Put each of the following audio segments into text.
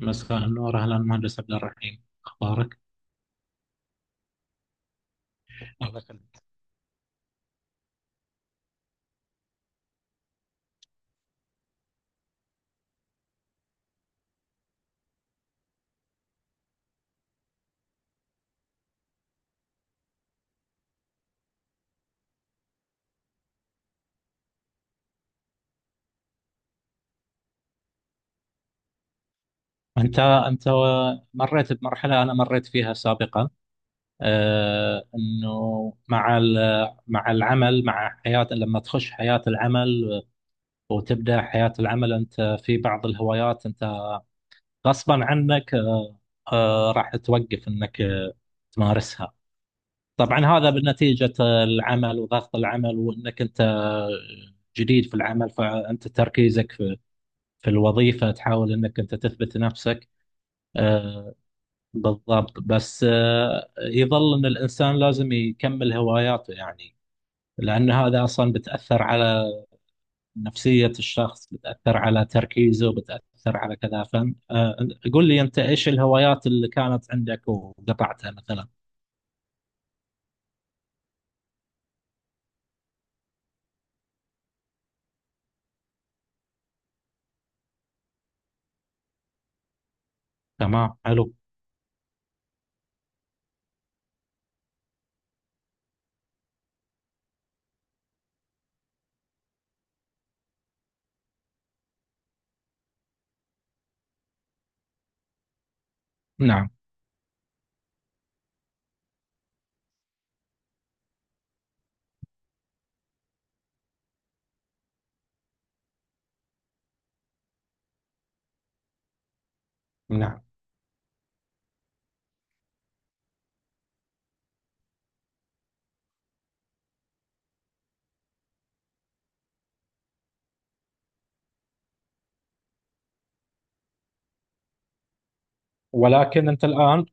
مساء النور، اهلا مهندس عبد الرحيم، اخبارك؟ الله يخليك. انت مريت بمرحله انا مريت فيها سابقا. انه مع العمل، مع حياه، لما تخش حياه العمل وتبدا حياه العمل انت في بعض الهوايات، انت غصبا عنك راح توقف انك تمارسها. طبعا هذا بنتيجه العمل وضغط العمل، وانك انت جديد في العمل، فانت تركيزك في الوظيفة تحاول انك انت تثبت نفسك. آه، بالضبط. بس يظل ان الانسان لازم يكمل هواياته، يعني لان هذا اصلا بتأثر على نفسية الشخص، بتأثر على تركيزه، بتأثر على كذا. فن قول لي انت ايش الهوايات اللي كانت عندك وقطعتها مثلا؟ تمام، حلو. نعم. نعم. ولكن انت الان؟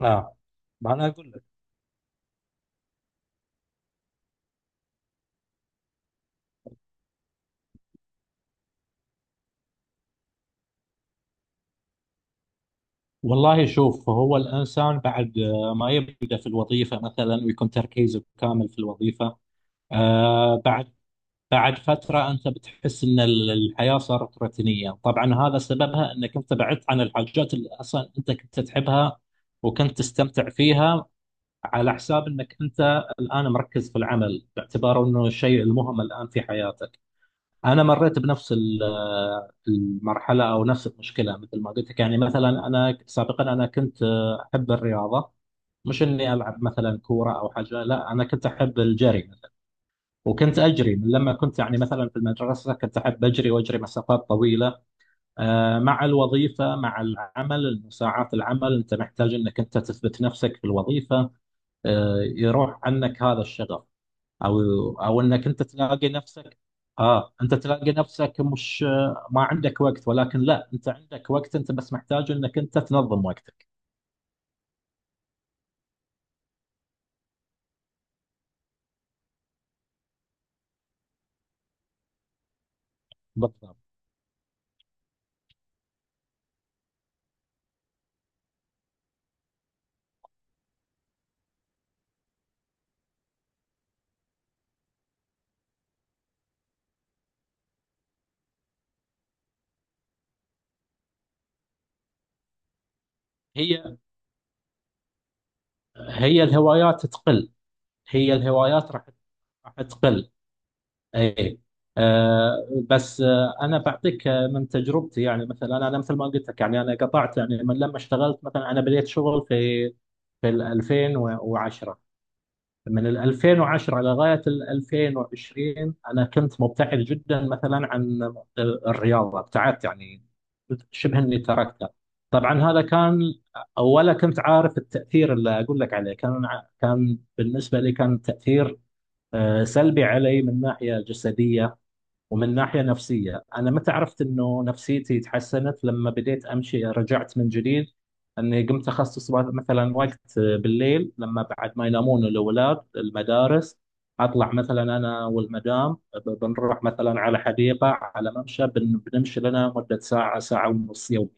آه. ما انا اقول لك. والله شوف، هو الإنسان بعد ما يبدأ في الوظيفة مثلا ويكون تركيزه كامل في الوظيفة، آه، بعد بعد فترة أنت بتحس أن الحياة صارت روتينية. طبعا هذا سببها أنك أنت بعدت عن الحاجات اللي أصلا أنت كنت تحبها وكنت تستمتع فيها، على حساب أنك أنت الآن مركز في العمل باعتباره أنه الشيء المهم الآن في حياتك. انا مريت بنفس المرحله او نفس المشكله، مثل ما قلت لك. يعني مثلا انا سابقا انا كنت احب الرياضه، مش اني العب مثلا كوره او حاجه، لا انا كنت احب الجري مثلا، وكنت اجري من لما كنت يعني مثلا في المدرسه، كنت احب اجري واجري مسافات طويله. مع الوظيفه مع العمل ساعات العمل انت محتاج انك انت تثبت نفسك في الوظيفه. يروح عنك هذا الشغف. او انك انت تلاقي نفسك. اه انت تلاقي نفسك مش ما عندك وقت، ولكن لا، انت عندك وقت، انت بس محتاج انك انت تنظم وقتك. بالضبط. هي هي الهوايات تقل. هي الهوايات راح تقل. اي. آه. بس انا بعطيك من تجربتي. يعني مثلا أنا مثل ما قلت لك، يعني انا قطعت يعني من لما اشتغلت، مثلا انا بديت شغل في في ال 2010. من ال 2010 على غاية ال 2020 أنا كنت مبتعد جدا مثلا عن الرياضة. ابتعدت، يعني شبه إني تركتها. طبعا هذا كان، ولا كنت عارف التأثير اللي أقول لك عليه، كان كان بالنسبة لي كان تأثير سلبي علي من ناحية جسدية ومن ناحية نفسية. أنا متى عرفت إنه نفسيتي تحسنت لما بديت أمشي، رجعت من جديد، أني قمت أخصص مثلا وقت بالليل، لما بعد ما ينامون الأولاد المدارس أطلع مثلا أنا والمدام، بنروح مثلا على حديقة على ممشى، بنمشي لنا مدة ساعة ساعة ونص يوميا.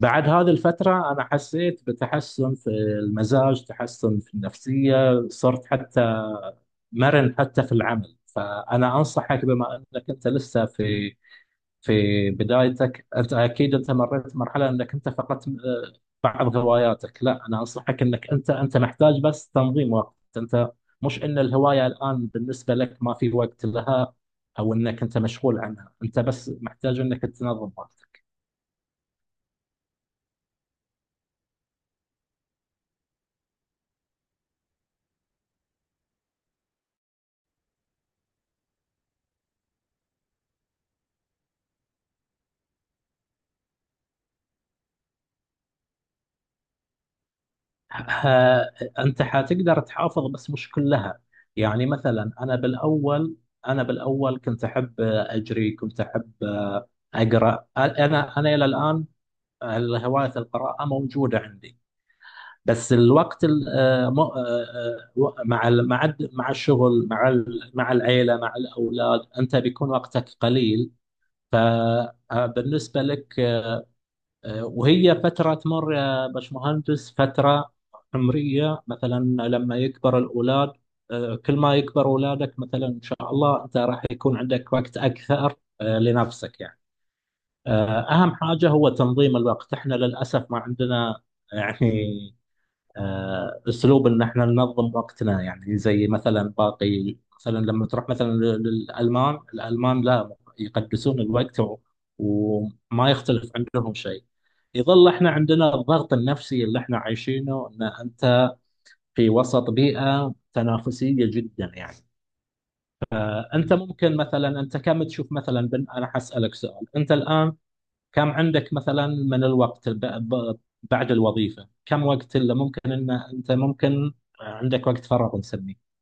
بعد هذه الفترة أنا حسيت بتحسن في المزاج، تحسن في النفسية، صرت حتى مرن حتى في العمل. فأنا أنصحك بما أنك أنت لسه في في بدايتك، أنت أكيد أنت مريت مرحلة أنك أنت فقدت بعض هواياتك. لا، أنا أنصحك أنك أنت محتاج بس تنظيم وقت. أنت مش أن الهواية الآن بالنسبة لك ما في وقت لها أو أنك أنت مشغول عنها، أنت بس محتاج أنك تنظم وقتك. ها، انت حتقدر تحافظ بس مش كلها. يعني مثلا انا بالاول كنت احب اجري، كنت احب اقرا. انا الى الان هوايه القراءه موجوده عندي. بس الوقت ال- آه، م- آه، آه، مع ال- مع الد- مع الشغل، مع العيله، مع الاولاد، انت بيكون وقتك قليل. فبالنسبه لك وهي فترة تمر يا باشمهندس، فترة عمرية مثلا. لما يكبر الأولاد، كل ما يكبر أولادك مثلا إن شاء الله، أنت راح يكون عندك وقت أكثر لنفسك. يعني أهم حاجة هو تنظيم الوقت. إحنا للأسف ما عندنا يعني اسلوب ان احنا ننظم وقتنا، يعني زي مثلا باقي، مثلا لما تروح مثلا للالمان، الالمان لا يقدسون الوقت وما يختلف عندهم شيء. يظل احنا عندنا الضغط النفسي اللي احنا عايشينه، ان انت في وسط بيئة تنافسية جدا. يعني انت ممكن مثلا، انت كم تشوف مثلا بن، انا حسألك سؤال، انت الان كم عندك مثلا من الوقت بعد الوظيفة؟ كم وقت اللي ممكن ان انت ممكن عندك وقت فراغ نسميه؟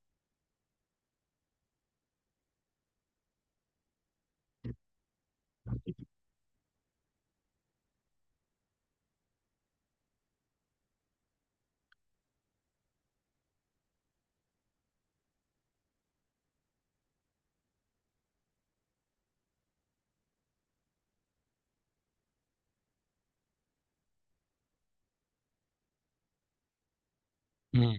مم.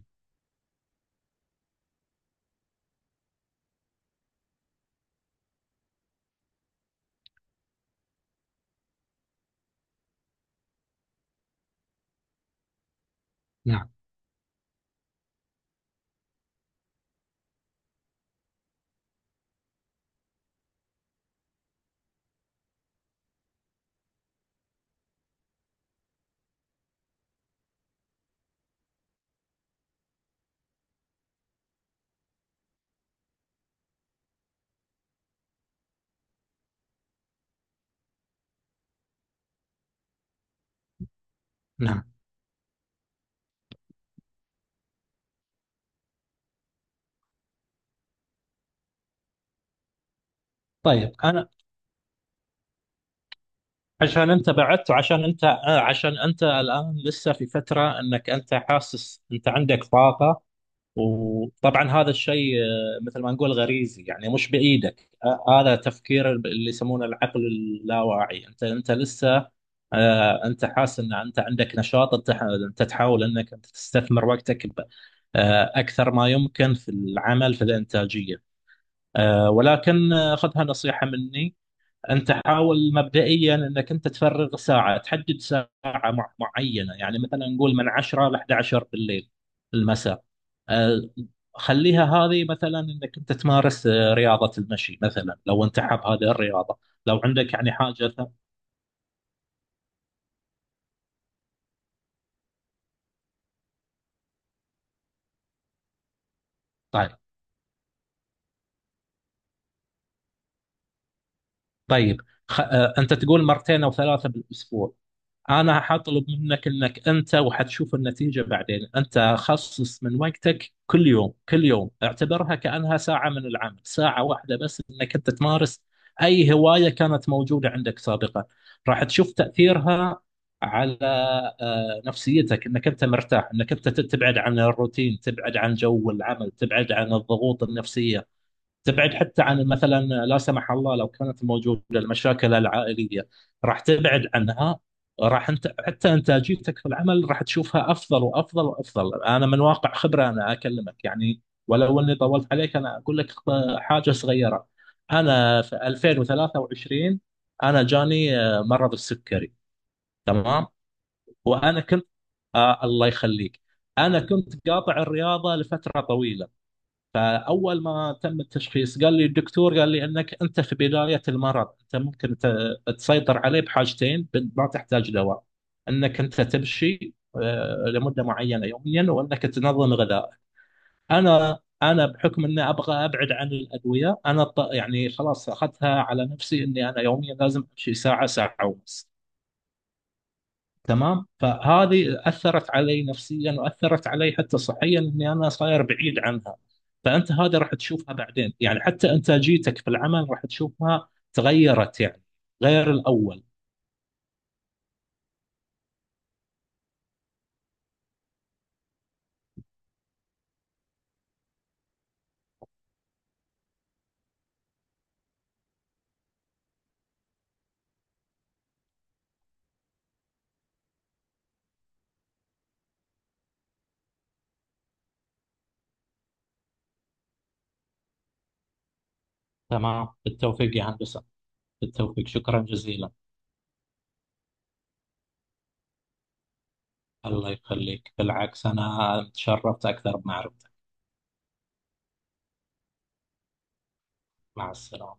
نعم. نعم. طيب انا، عشان انت بعدت وعشان انت عشان انت الان لسه في فترة، انك انت حاسس انت عندك طاقة. وطبعا هذا الشيء مثل ما نقول غريزي، يعني مش بايدك. هذا تفكير اللي يسمونه العقل اللاواعي. انت لسه انت حاسس ان انت عندك نشاط، انت انت تحاول انك انت تستثمر وقتك اكثر ما يمكن في العمل، في الانتاجيه. ولكن خذها نصيحه مني. انت حاول مبدئيا انك انت تفرغ ساعه، تحدد ساعه معينه، يعني مثلا نقول من 10 ل 11 بالليل المساء. آه، خليها هذه مثلا انك انت تمارس رياضه المشي مثلا، لو انت حاب هذه الرياضه، لو عندك يعني حاجه طيب. طيب. خ... آه، انت تقول مرتين او ثلاثه بالاسبوع. انا حطلب منك انك انت، وحتشوف النتيجه بعدين، انت خصص من وقتك كل يوم، كل يوم اعتبرها كانها ساعه من العمل، ساعه واحده بس، انك انت تمارس اي هوايه كانت موجوده عندك سابقا. راح تشوف تاثيرها على نفسيتك، انك انت مرتاح، انك انت تبعد عن الروتين، تبعد عن جو العمل، تبعد عن الضغوط النفسيه، تبعد حتى عن مثلا، لا سمح الله، لو كانت موجوده المشاكل العائليه، راح تبعد عنها. راح انت حتى انتاجيتك في العمل راح تشوفها افضل وافضل وافضل. انا من واقع خبره انا اكلمك، يعني ولو اني طولت عليك. انا اقول لك حاجه صغيره. انا في 2023 انا جاني مرض السكري، تمام؟ وانا كنت، آه الله يخليك، انا كنت قاطع الرياضه لفتره طويله. فاول ما تم التشخيص قال لي الدكتور، قال لي انك انت في بدايه المرض، انت ممكن تسيطر عليه بحاجتين، ما تحتاج دواء. انك انت تمشي لمده معينه يوميا، وانك تنظم غذائك. انا بحكم اني ابغى ابعد عن الادويه، انا يعني خلاص اخذتها على نفسي، اني انا يوميا لازم امشي ساعه ساعه ونص. تمام، فهذه اثرت علي نفسيا واثرت علي حتى صحيا، اني انا صاير بعيد عنها. فانت هذا راح تشوفها بعدين، يعني حتى انتاجيتك في العمل راح تشوفها تغيرت يعني، غير الاول. تمام، بالتوفيق يا هندسه. بالتوفيق، شكرا جزيلا. الله يخليك، بالعكس انا تشرفت اكثر بمعرفتك. مع السلامه.